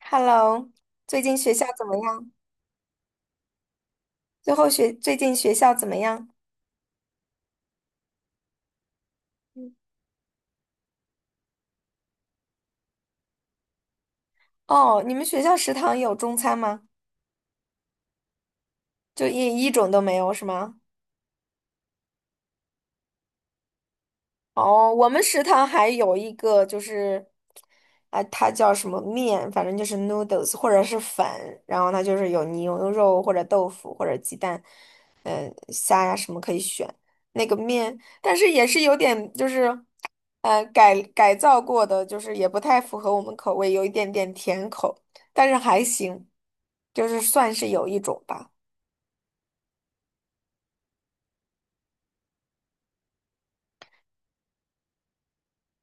Hello，最近学校怎么样？最近学校怎么样？哦，你们学校食堂有中餐吗？就一种都没有是吗？哦，我们食堂还有一个就是，啊，它叫什么面，反正就是 noodles 或者是粉，然后它就是有牛肉或者豆腐或者鸡蛋，虾呀什么可以选。那个面，但是也是有点就是，改造过的，就是也不太符合我们口味，有一点点甜口，但是还行，就是算是有一种吧。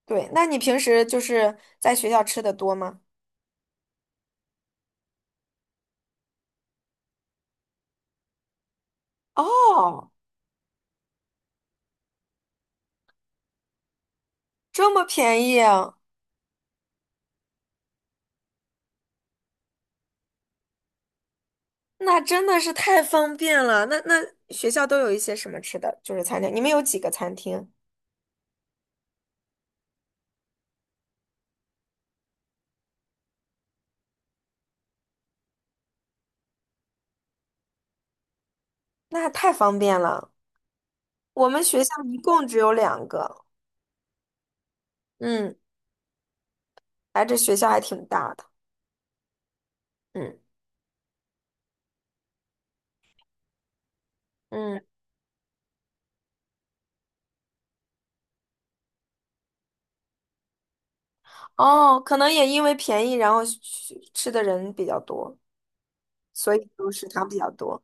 对，那你平时就是在学校吃的多吗？哦，这么便宜啊！那真的是太方便了。那学校都有一些什么吃的，就是餐厅。你们有几个餐厅？那太方便了。我们学校一共只有两个。嗯，哎，这学校还挺大的。嗯嗯，哦，可能也因为便宜，然后去吃的人比较多，所以就食堂比较多。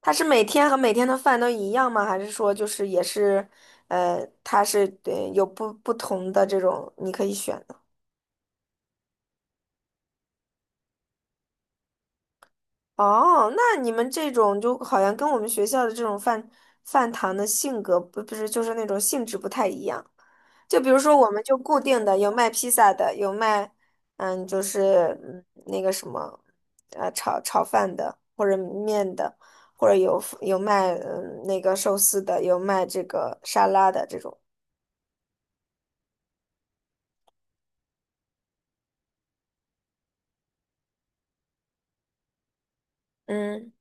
它是每天和每天的饭都一样吗？还是说就是也是，它是对有不同的这种你可以选？的。哦，那你们这种就好像跟我们学校的这种饭堂的性格不是就是那种性质不太一样。就比如说，我们就固定的有卖披萨的，有卖就是那个什么炒饭的，或者面的，或者有卖那个寿司的，有卖这个沙拉的这种。嗯，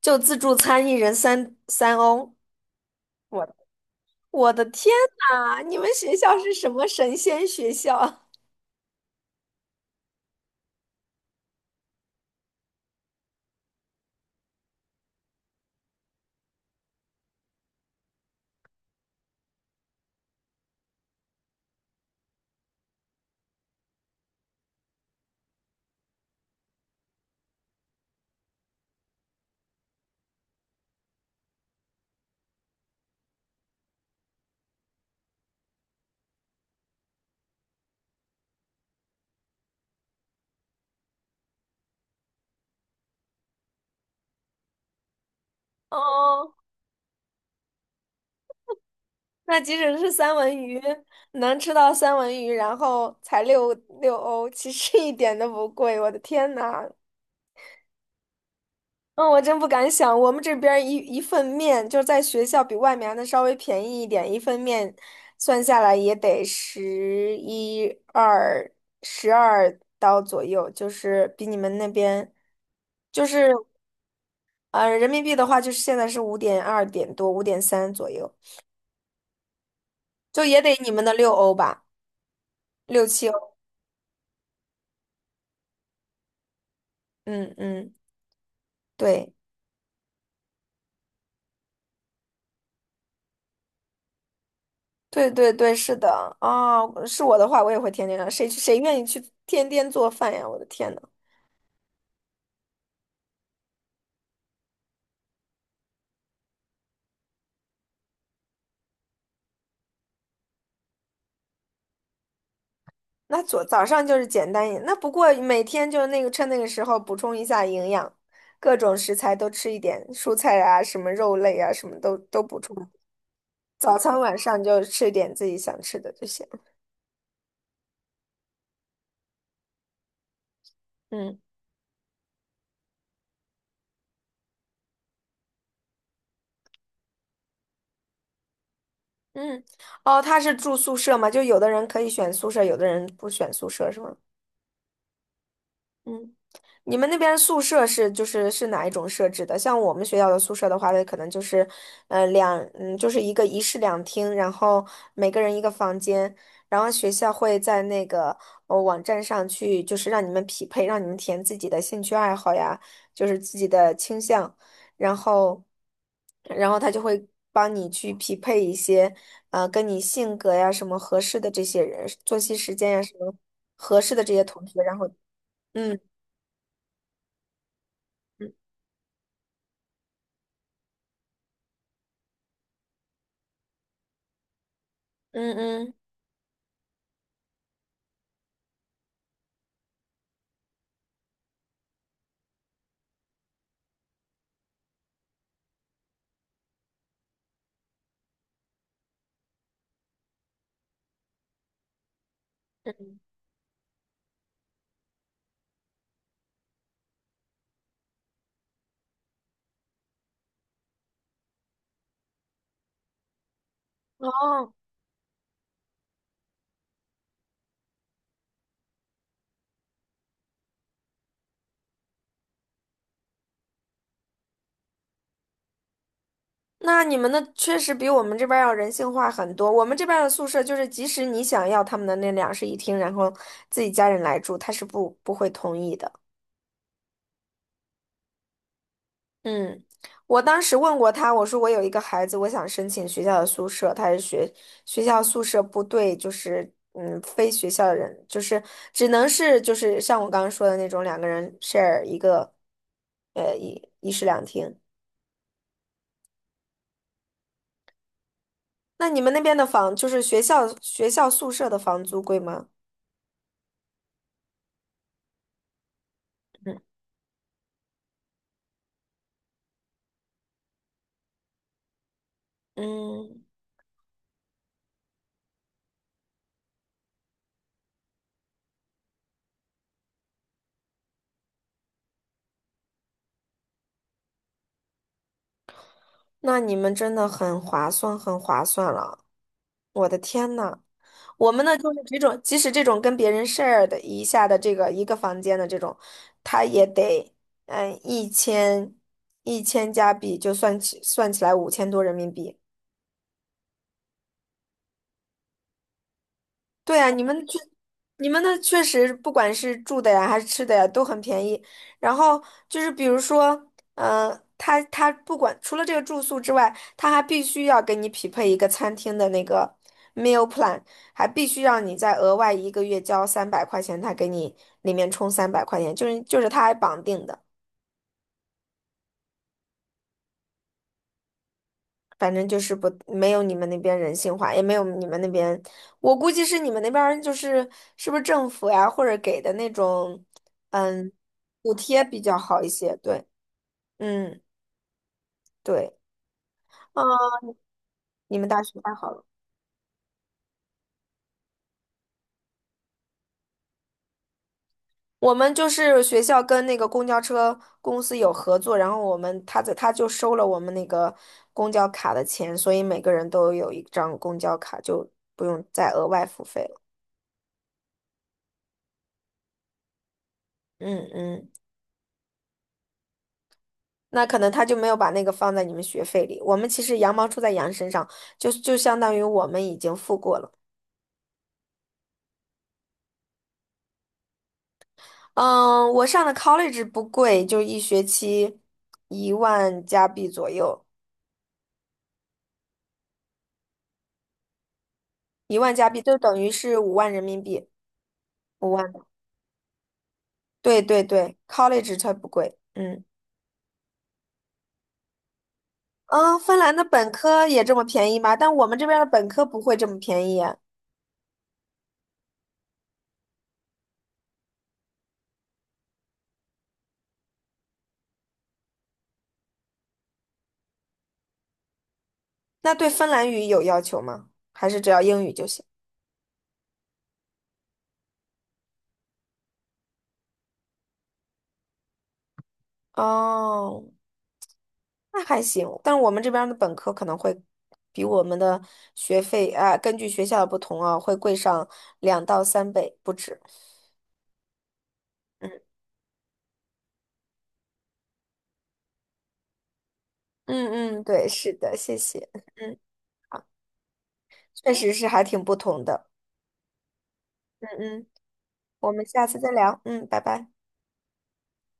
就自助餐一人三欧，我的我的天呐，你们学校是什么神仙学校？哦，那即使是三文鱼，能吃到三文鱼，然后才六欧，其实一点都不贵。我的天呐，嗯，我真不敢想，我们这边儿一份面，就在学校比外面还能稍微便宜一点，一份面算下来也得十一二12刀左右，就是比你们那边，就是人民币的话，就是现在是5.2点多，5.3左右，就也得你们的六欧吧。6-7欧。嗯嗯，对对对对，是的啊，是我的话，我也会天天让谁去谁愿意去天天做饭呀？我的天呐，那早上就是简单一点，那不过每天就是那个趁那个时候补充一下营养，各种食材都吃一点，蔬菜啊，什么肉类啊，什么都补充。早餐晚上就吃点自己想吃的就行。嗯嗯，哦，他是住宿舍吗？就有的人可以选宿舍，有的人不选宿舍是吗？嗯。你们那边宿舍是哪一种设置的？像我们学校的宿舍的话，它可能就是，就是一个一室两厅，然后每个人一个房间，然后学校会在那个网站上去，就是让你们匹配，让你们填自己的兴趣爱好呀，就是自己的倾向，然后，然后，他就会帮你去匹配一些，跟你性格呀什么合适的这些人，作息时间呀什么合适的这些同学，然后嗯。嗯嗯嗯，哦，那你们的确实比我们这边儿要人性化很多。我们这边儿的宿舍就是，即使你想要他们的那两室一厅，然后自己家人来住，他是不会同意的。嗯，我当时问过他，我说我有一个孩子，我想申请学校的宿舍，他是学校宿舍不对，就是非学校的人，就是只能是就是像我刚刚说的那种两个人 share 一个，一室两厅。那你们那边的房，就是学校宿舍的房租贵吗？嗯嗯，那你们真的很划算，很划算了。我的天呐，我们呢就是这种，即使这种跟别人 share 的一下的这个一个房间的这种，他也得嗯一千一千加币，就算起来5000多人民币。对啊，你们那确实不管是住的呀还是吃的呀都很便宜。然后就是比如说，他不管除了这个住宿之外，他还必须要给你匹配一个餐厅的那个 meal plan，还必须让你再额外一个月交三百块钱，他给你里面充三百块钱，就是他还绑定的。反正就是不，没有你们那边人性化，也没有你们那边，我估计是你们那边儿就是是不是政府呀，或者给的那种，嗯，补贴比较好一些。对，嗯，对，嗯，你们大学太好了。我们就是学校跟那个公交车公司有合作，然后我们他就收了我们那个公交卡的钱，所以每个人都有一张公交卡，就不用再额外付费了。嗯嗯。那可能他就没有把那个放在你们学费里。我们其实羊毛出在羊身上，就相当于我们已经付过了。嗯，我上的 college 不贵，就一学期一万加币左右，一万加币就等于是5万人民币，五万。对对对，college 它不贵。嗯嗯，芬兰的本科也这么便宜吗？但我们这边的本科不会这么便宜啊。那对芬兰语有要求吗？还是只要英语就行？哦。那还行，但是我们这边儿的本科可能会比我们的学费啊，根据学校的不同啊，会贵上2到3倍不止。嗯嗯嗯，对，是的，谢谢。嗯，确实是还挺不同的。嗯嗯，我们下次再聊。嗯，拜拜。